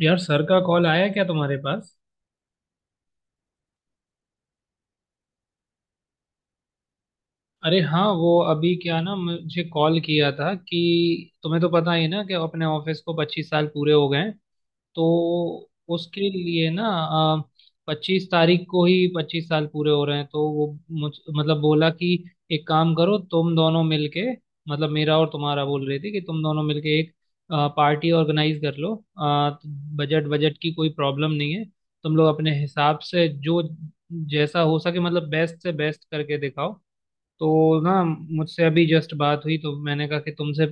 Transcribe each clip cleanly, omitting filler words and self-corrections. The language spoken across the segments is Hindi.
यार, सर का कॉल आया क्या तुम्हारे पास? अरे हाँ, वो अभी क्या ना, मुझे कॉल किया था कि तुम्हें तो पता ही है ना कि अपने ऑफिस को 25 साल पूरे हो गए हैं। तो उसके लिए ना, 25 तारीख को ही 25 साल पूरे हो रहे हैं। तो वो मुझ मतलब बोला कि एक काम करो, तुम दोनों मिलके, मतलब मेरा और तुम्हारा, बोल रही थी कि तुम दोनों मिलके एक पार्टी ऑर्गेनाइज कर लो। बजट बजट की कोई प्रॉब्लम नहीं है। तुम लोग अपने हिसाब से जो जैसा हो सके, मतलब बेस्ट से बेस्ट करके दिखाओ। तो ना, मुझसे अभी जस्ट बात हुई तो मैंने कहा कि तुमसे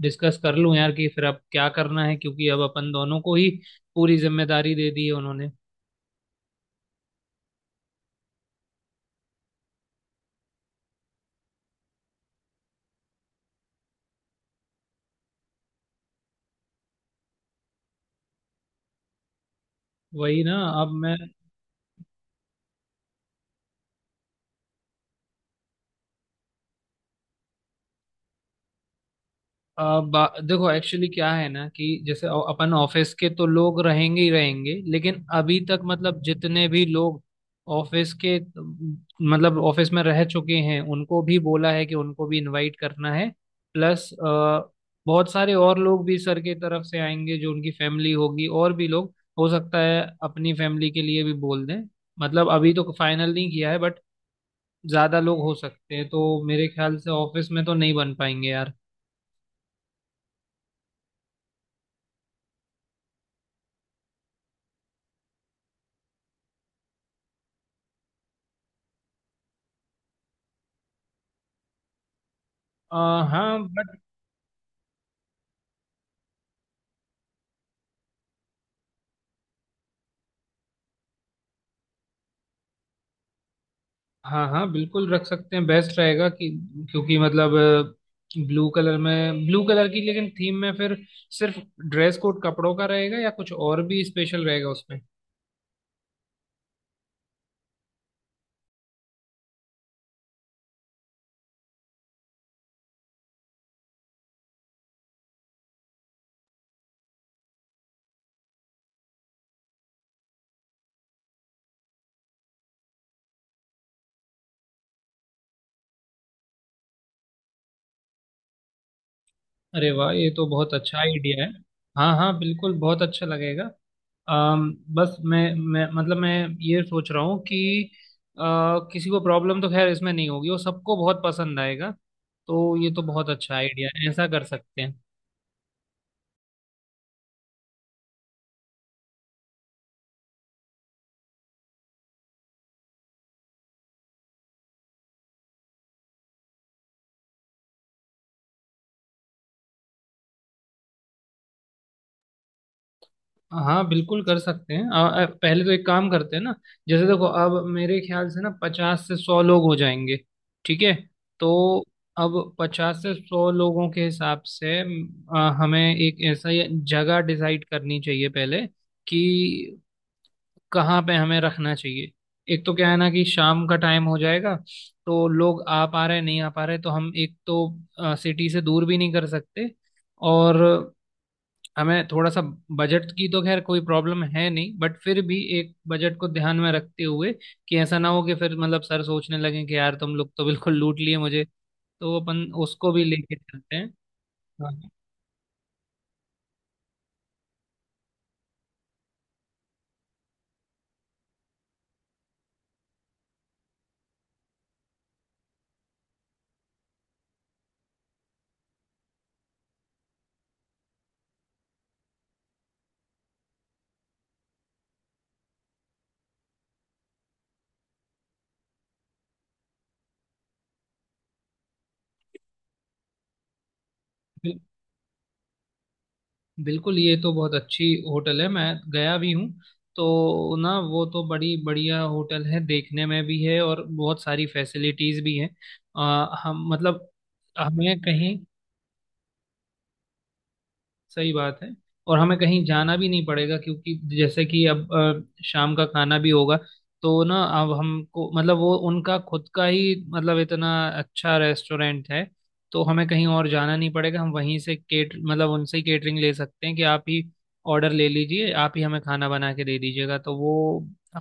डिस्कस कर लूं यार कि फिर अब क्या करना है, क्योंकि अब अपन दोनों को ही पूरी जिम्मेदारी दे दी है उन्होंने। वही ना। अब मैं देखो, एक्चुअली क्या है ना कि जैसे अपन ऑफिस के तो लोग रहेंगे ही रहेंगे, लेकिन अभी तक मतलब जितने भी लोग ऑफिस के, मतलब ऑफिस में रह चुके हैं, उनको भी बोला है कि उनको भी इनवाइट करना है। प्लस, बहुत सारे और लोग भी सर की तरफ से आएंगे, जो उनकी फैमिली होगी और भी लोग। हो सकता है अपनी फैमिली के लिए भी बोल दें। मतलब अभी तो फाइनल नहीं किया है बट ज्यादा लोग हो सकते हैं, तो मेरे ख्याल से ऑफिस में तो नहीं बन पाएंगे यार। अ, हाँ हाँ हाँ, बिल्कुल रख सकते हैं। बेस्ट रहेगा कि, क्योंकि मतलब ब्लू कलर में, ब्लू कलर की लेकिन थीम में फिर सिर्फ ड्रेस कोड कपड़ों का रहेगा या कुछ और भी स्पेशल रहेगा उसमें? अरे वाह, ये तो बहुत अच्छा आइडिया है। हाँ हाँ, बिल्कुल बहुत अच्छा लगेगा। बस मैं ये सोच रहा हूँ कि अ, किसी को प्रॉब्लम तो खैर इसमें नहीं होगी, वो सबको बहुत पसंद आएगा। तो ये तो बहुत अच्छा आइडिया है, ऐसा कर सकते हैं। हाँ बिल्कुल कर सकते हैं। आ, आ, पहले तो एक काम करते हैं ना। जैसे देखो, अब मेरे ख्याल से ना 50 से 100 लोग हो जाएंगे। ठीक है? तो अब 50 से 100 लोगों के हिसाब से हमें एक ऐसा ही जगह डिसाइड करनी चाहिए पहले कि कहाँ पे हमें रखना चाहिए। एक तो क्या है ना कि शाम का टाइम हो जाएगा तो लोग आ पा रहे नहीं आ पा रहे, तो हम एक तो सिटी से दूर भी नहीं कर सकते। और हमें थोड़ा सा, बजट की तो खैर कोई प्रॉब्लम है नहीं बट फिर भी एक बजट को ध्यान में रखते हुए कि ऐसा ना हो कि फिर मतलब सर सोचने लगे कि यार तुम लोग तो बिल्कुल लूट लिए मुझे। तो अपन उसको भी लेके चलते हैं। हाँ, बिल- बिल्कुल ये तो बहुत अच्छी होटल है, मैं गया भी हूँ। तो ना, वो तो बड़ी बढ़िया होटल है, देखने में भी है और बहुत सारी फैसिलिटीज भी हैं। हम मतलब हमें कहीं, सही बात है। और हमें कहीं जाना भी नहीं पड़ेगा, क्योंकि जैसे कि अब शाम का खाना भी होगा। तो ना अब हमको मतलब वो उनका खुद का ही, मतलब इतना अच्छा रेस्टोरेंट है, तो हमें कहीं और जाना नहीं पड़ेगा। हम वहीं से केट मतलब उनसे ही केटरिंग ले सकते हैं कि आप ही ऑर्डर ले लीजिए, आप ही हमें खाना बना के दे दीजिएगा। तो वो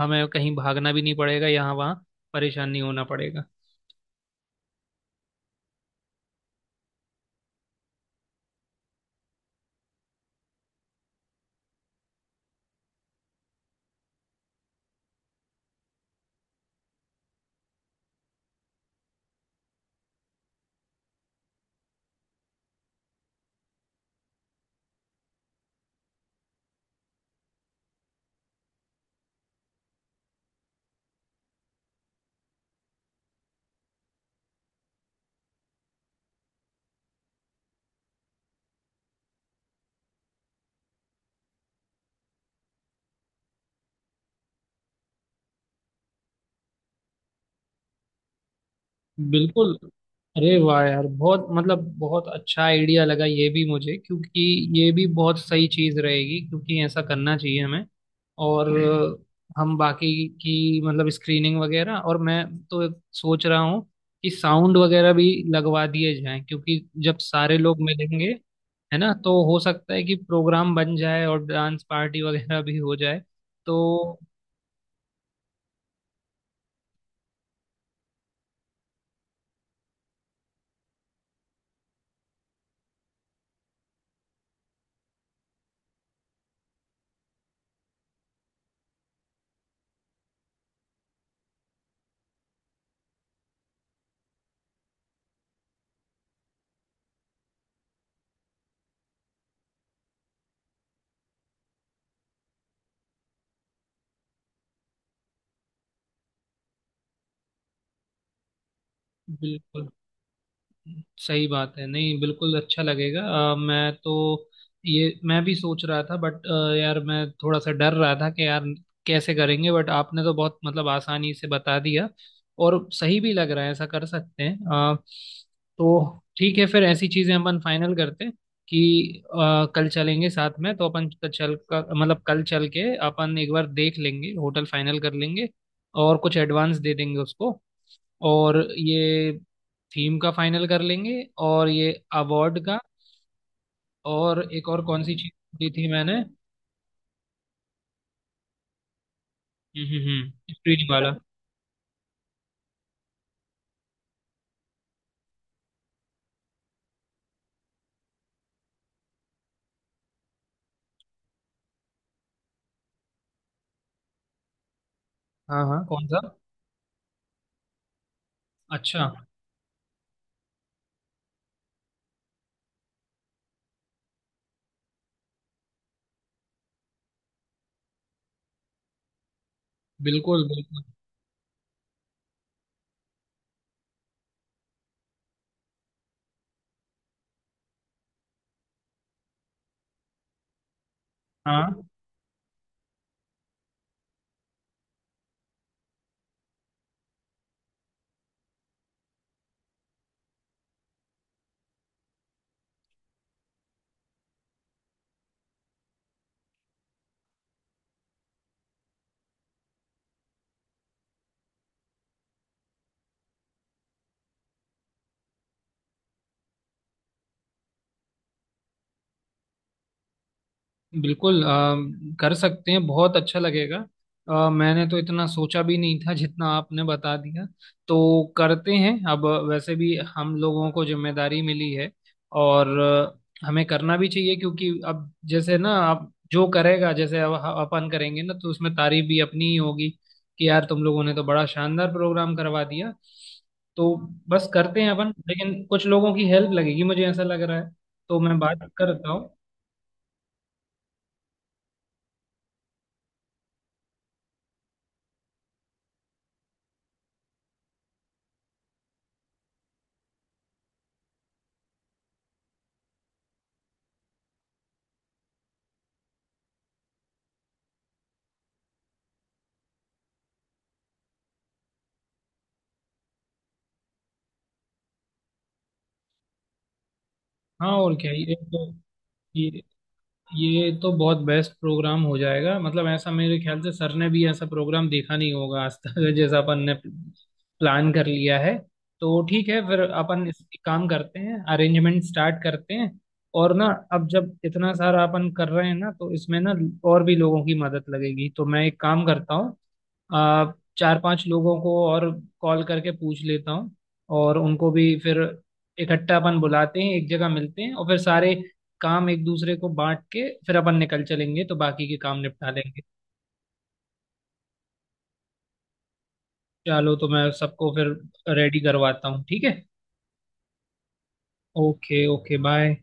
हमें कहीं भागना भी नहीं पड़ेगा यहाँ वहाँ, परेशान नहीं होना पड़ेगा। बिल्कुल। अरे वाह यार, बहुत मतलब बहुत अच्छा आइडिया लगा ये भी मुझे, क्योंकि ये भी बहुत सही चीज रहेगी, क्योंकि ऐसा करना चाहिए हमें। और हम बाकी की मतलब स्क्रीनिंग वगैरह, और मैं तो सोच रहा हूँ कि साउंड वगैरह भी लगवा दिए जाएं, क्योंकि जब सारे लोग मिलेंगे, है ना, तो हो सकता है कि प्रोग्राम बन जाए और डांस पार्टी वगैरह भी हो जाए। तो बिल्कुल। सही बात है, नहीं बिल्कुल अच्छा लगेगा। मैं तो ये मैं भी सोच रहा था, बट यार मैं थोड़ा सा डर रहा था कि यार कैसे करेंगे, बट आपने तो बहुत मतलब आसानी से बता दिया, और सही भी लग रहा है, ऐसा कर सकते हैं। अ, तो ठीक है, फिर ऐसी चीजें अपन फाइनल करते हैं कि कल चलेंगे साथ में। तो अपन चल कर मतलब कल चल के अपन एक बार देख लेंगे, होटल फाइनल कर लेंगे और कुछ एडवांस दे देंगे उसको। और ये थीम का फाइनल कर लेंगे, और ये अवार्ड का, और एक और कौन सी चीज दी थी मैंने? हम्म, स्क्रीनिंग वाला। हाँ हाँ, कौन सा? अच्छा। बिल्कुल बिल्कुल। हाँ बिल्कुल। कर सकते हैं, बहुत अच्छा लगेगा। मैंने तो इतना सोचा भी नहीं था जितना आपने बता दिया। तो करते हैं, अब वैसे भी हम लोगों को जिम्मेदारी मिली है, और हमें करना भी चाहिए, क्योंकि अब जैसे ना अब जो करेगा, जैसे अब अपन करेंगे ना तो उसमें तारीफ भी अपनी ही होगी कि यार तुम लोगों ने तो बड़ा शानदार प्रोग्राम करवा दिया। तो बस करते हैं अपन, लेकिन कुछ लोगों की हेल्प लगेगी मुझे ऐसा लग रहा है। तो मैं बात करता हूँ। हाँ और क्या, ये तो ये ये तो बहुत बेस्ट प्रोग्राम हो जाएगा, मतलब ऐसा मेरे ख्याल से सर ने भी ऐसा प्रोग्राम देखा नहीं होगा आज तक, जैसा अपन ने प्लान कर लिया है। तो ठीक है फिर, अपन इस एक काम करते हैं, अरेंजमेंट स्टार्ट करते हैं और ना, अब जब इतना सारा अपन कर रहे हैं ना तो इसमें ना, और भी लोगों की मदद लगेगी। तो मैं एक काम करता हूँ, आ, चार पांच लोगों को और कॉल करके पूछ लेता हूँ। और उनको भी फिर इकट्ठा अपन बुलाते हैं, एक जगह मिलते हैं, और फिर सारे काम एक दूसरे को बांट के फिर अपन निकल चलेंगे, तो बाकी के काम निपटा लेंगे। चलो, तो मैं सबको फिर रेडी करवाता हूँ, ठीक है? Okay okay bye.